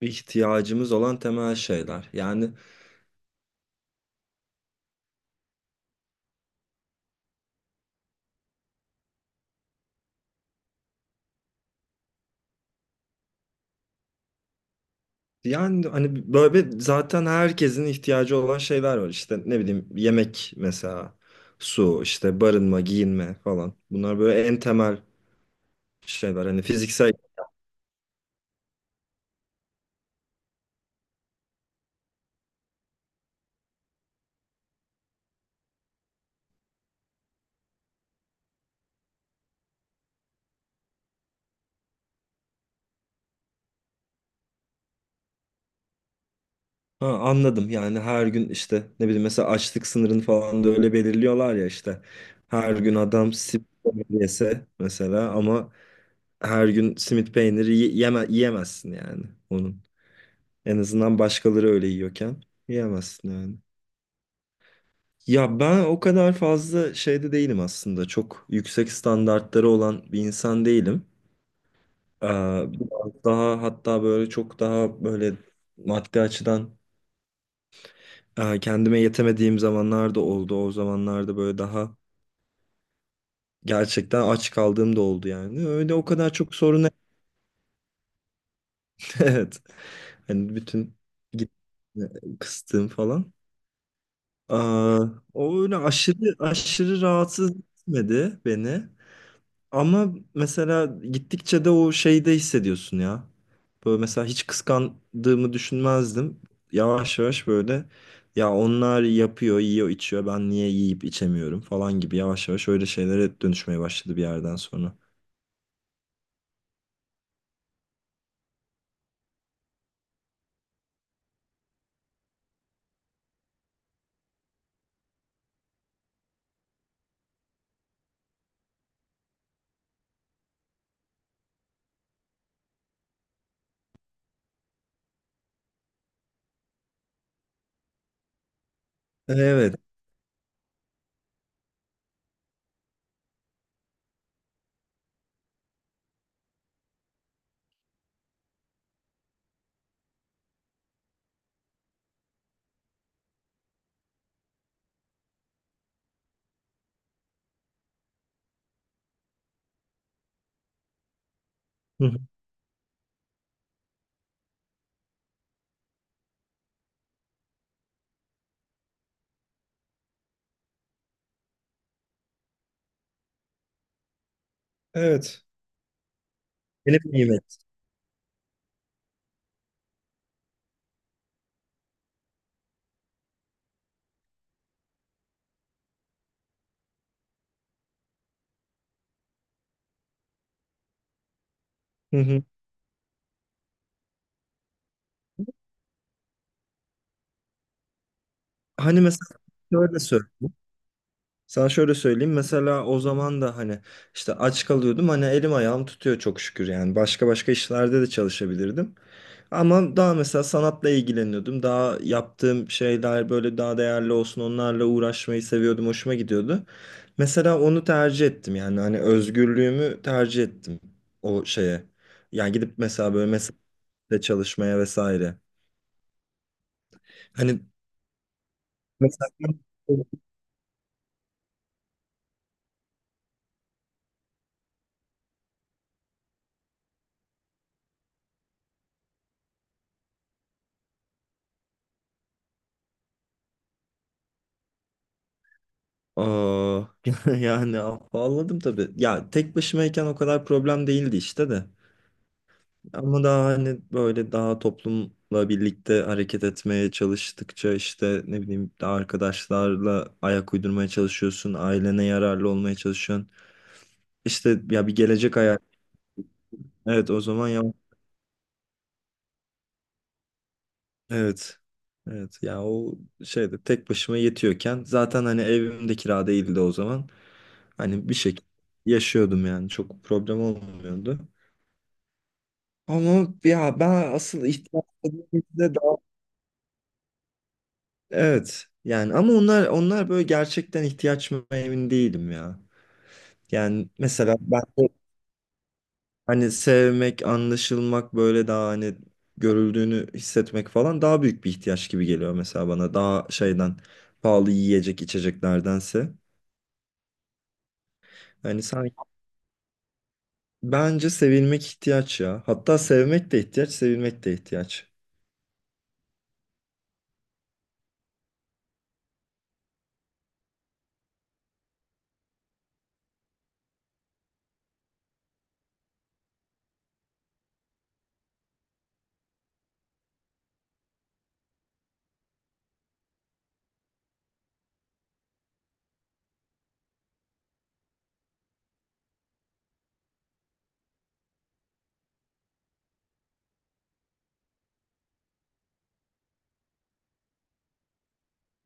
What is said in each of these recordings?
İhtiyacımız olan temel şeyler. Yani hani böyle zaten herkesin ihtiyacı olan şeyler var. İşte ne bileyim yemek mesela, su, işte barınma, giyinme falan. Bunlar böyle en temel şeyler. Hani fiziksel. Ha, anladım. Yani her gün işte ne bileyim mesela açlık sınırını falan da öyle belirliyorlar ya işte. Her gün adam simit peynir yese mesela ama her gün simit peyniri yiyemezsin yani onun. En azından başkaları öyle yiyorken yiyemezsin yani. Ya ben o kadar fazla şeyde değilim aslında. Çok yüksek standartları olan bir insan değilim. Ee, Biraz daha hatta böyle çok daha böyle maddi açıdan kendime yetemediğim zamanlar da oldu. O zamanlarda böyle daha gerçekten aç kaldığım da oldu yani. Öyle o kadar çok sorun. Evet. Hani bütün git- kıstığım falan. Aa, O öyle aşırı aşırı rahatsız etmedi beni. Ama mesela gittikçe de o şeyi de hissediyorsun ya. Böyle mesela hiç kıskandığımı düşünmezdim. Yavaş yavaş böyle ya onlar yapıyor, yiyor, içiyor. Ben niye yiyip içemiyorum falan gibi yavaş yavaş öyle şeylere dönüşmeye başladı bir yerden sonra. Evet. Hı hı. Evet. Benim nimet. Hı hı. Hani mesela şöyle söyle. Sana şöyle söyleyeyim mesela o zaman da hani işte aç kalıyordum, hani elim ayağım tutuyor çok şükür yani başka başka işlerde de çalışabilirdim. Ama daha mesela sanatla ilgileniyordum, daha yaptığım şeyler böyle daha değerli olsun onlarla uğraşmayı seviyordum, hoşuma gidiyordu. Mesela onu tercih ettim yani hani özgürlüğümü tercih ettim o şeye. Yani gidip mesela böyle mesela çalışmaya vesaire. Hani mesela Aa, yani ağladım tabii. Ya tek başımayken o kadar problem değildi işte de. Ama daha hani böyle daha toplumla birlikte hareket etmeye çalıştıkça işte ne bileyim daha arkadaşlarla ayak uydurmaya çalışıyorsun. Ailene yararlı olmaya çalışıyorsun. İşte ya bir gelecek hayal. Evet o zaman ya evet. Evet ya o şeyde tek başıma yetiyorken zaten hani evimde kira değildi o zaman. Hani bir şekilde yaşıyordum yani çok problem olmuyordu. Ama ya ben asıl ihtiyaç dediğimizde daha evet yani, ama onlar böyle gerçekten ihtiyaç mı emin değilim ya. Yani mesela ben de hani sevmek, anlaşılmak böyle daha hani görüldüğünü hissetmek falan daha büyük bir ihtiyaç gibi geliyor mesela bana. Daha şeyden pahalı yiyecek içeceklerdense. Hani sanki bence sevilmek ihtiyaç ya. Hatta sevmek de ihtiyaç, sevilmek de ihtiyaç.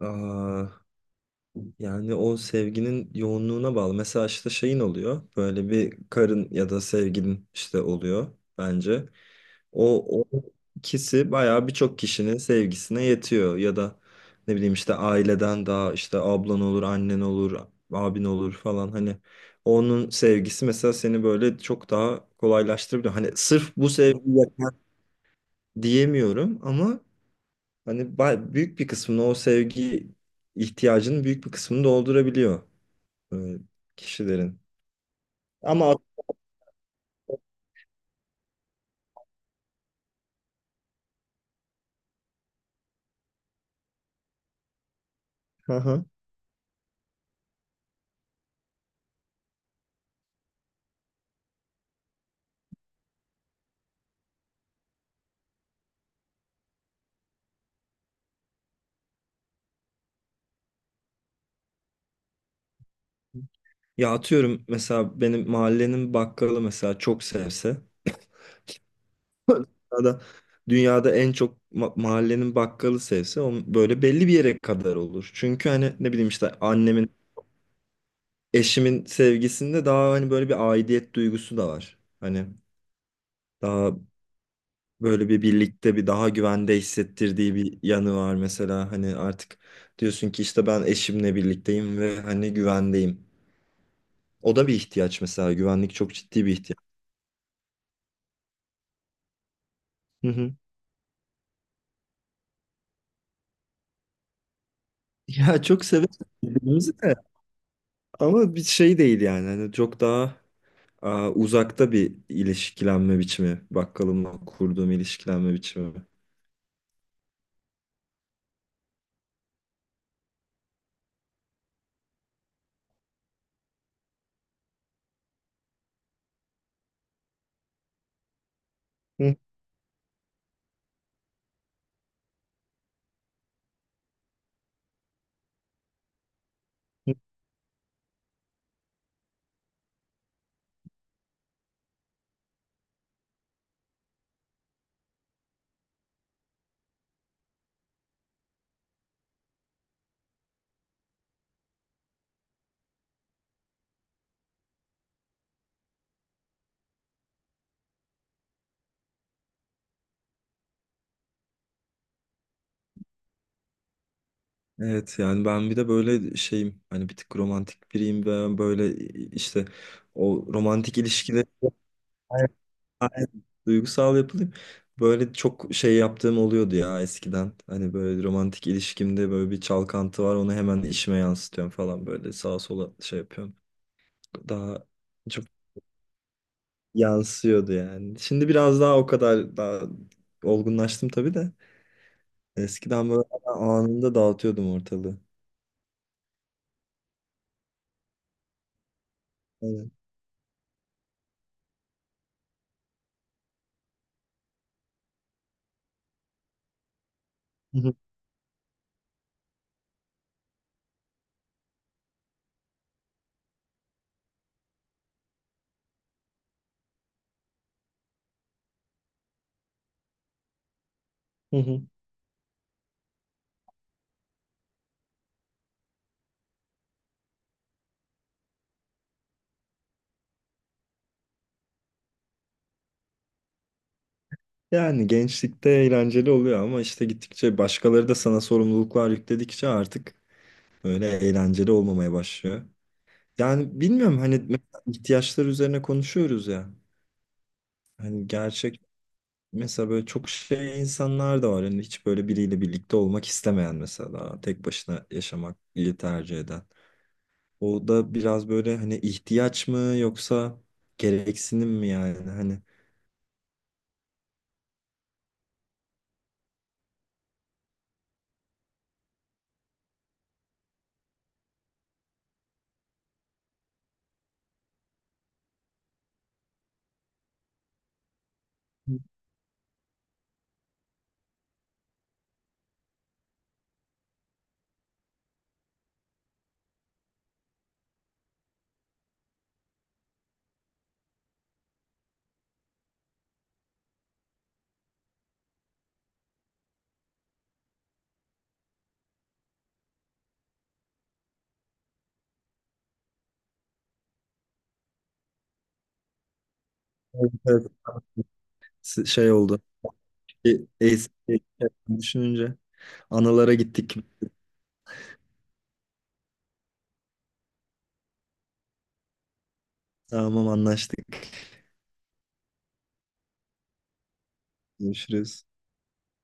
Aa, Yani o sevginin yoğunluğuna bağlı. Mesela işte şeyin oluyor. Böyle bir karın ya da sevgilin işte oluyor bence. O, o ikisi bayağı birçok kişinin sevgisine yetiyor. Ya da ne bileyim işte aileden daha işte ablan olur, annen olur, abin olur falan. Hani onun sevgisi mesela seni böyle çok daha kolaylaştırabiliyor. Hani sırf bu sevgi yeter diyemiyorum ama hani büyük bir kısmını o sevgi ihtiyacının büyük bir kısmını doldurabiliyor e, kişilerin. Ama Hı hı. Ya atıyorum mesela benim mahallenin bakkalı mesela çok sevse dünyada, dünyada en çok mahallenin bakkalı sevse onun böyle belli bir yere kadar olur. Çünkü hani ne bileyim işte annemin, eşimin sevgisinde daha hani böyle bir aidiyet duygusu da var. Hani daha böyle bir birlikte bir daha güvende hissettirdiği bir yanı var mesela hani artık diyorsun ki işte ben eşimle birlikteyim ve hani güvendeyim. O da bir ihtiyaç mesela. Güvenlik çok ciddi bir ihtiyaç. Hı hı. Ya çok severiz birbirimizi de ama bir şey değil yani. Hani çok daha uzakta bir ilişkilenme biçimi. Bakkalımla kurduğum ilişkilenme biçimi. Hı hı. Evet yani ben bir de böyle şeyim, hani bir tık romantik biriyim ve böyle işte o romantik ilişkileri. Aynen. Duygusal yapılayım. Böyle çok şey yaptığım oluyordu ya eskiden. Hani böyle romantik ilişkimde böyle bir çalkantı var. Onu hemen işime yansıtıyorum falan, böyle sağa sola şey yapıyorum. Daha çok yansıyordu yani. Şimdi biraz daha o kadar daha olgunlaştım tabii de. Eskiden böyle anında dağıtıyordum ortalığı. Aynen. Hı hı. Hı hı. Yani gençlikte eğlenceli oluyor ama işte gittikçe başkaları da sana sorumluluklar yükledikçe artık öyle eğlenceli olmamaya başlıyor. Yani bilmiyorum hani mesela ihtiyaçlar üzerine konuşuyoruz ya. Hani gerçek mesela böyle çok şey insanlar da var. Hani hiç böyle biriyle birlikte olmak istemeyen, mesela tek başına yaşamak iyi tercih eden. O da biraz böyle hani ihtiyaç mı yoksa gereksinim mi yani hani. Evet, evet. Şey oldu. Eski düşününce analara gittik. Tamam, anlaştık. Görüşürüz.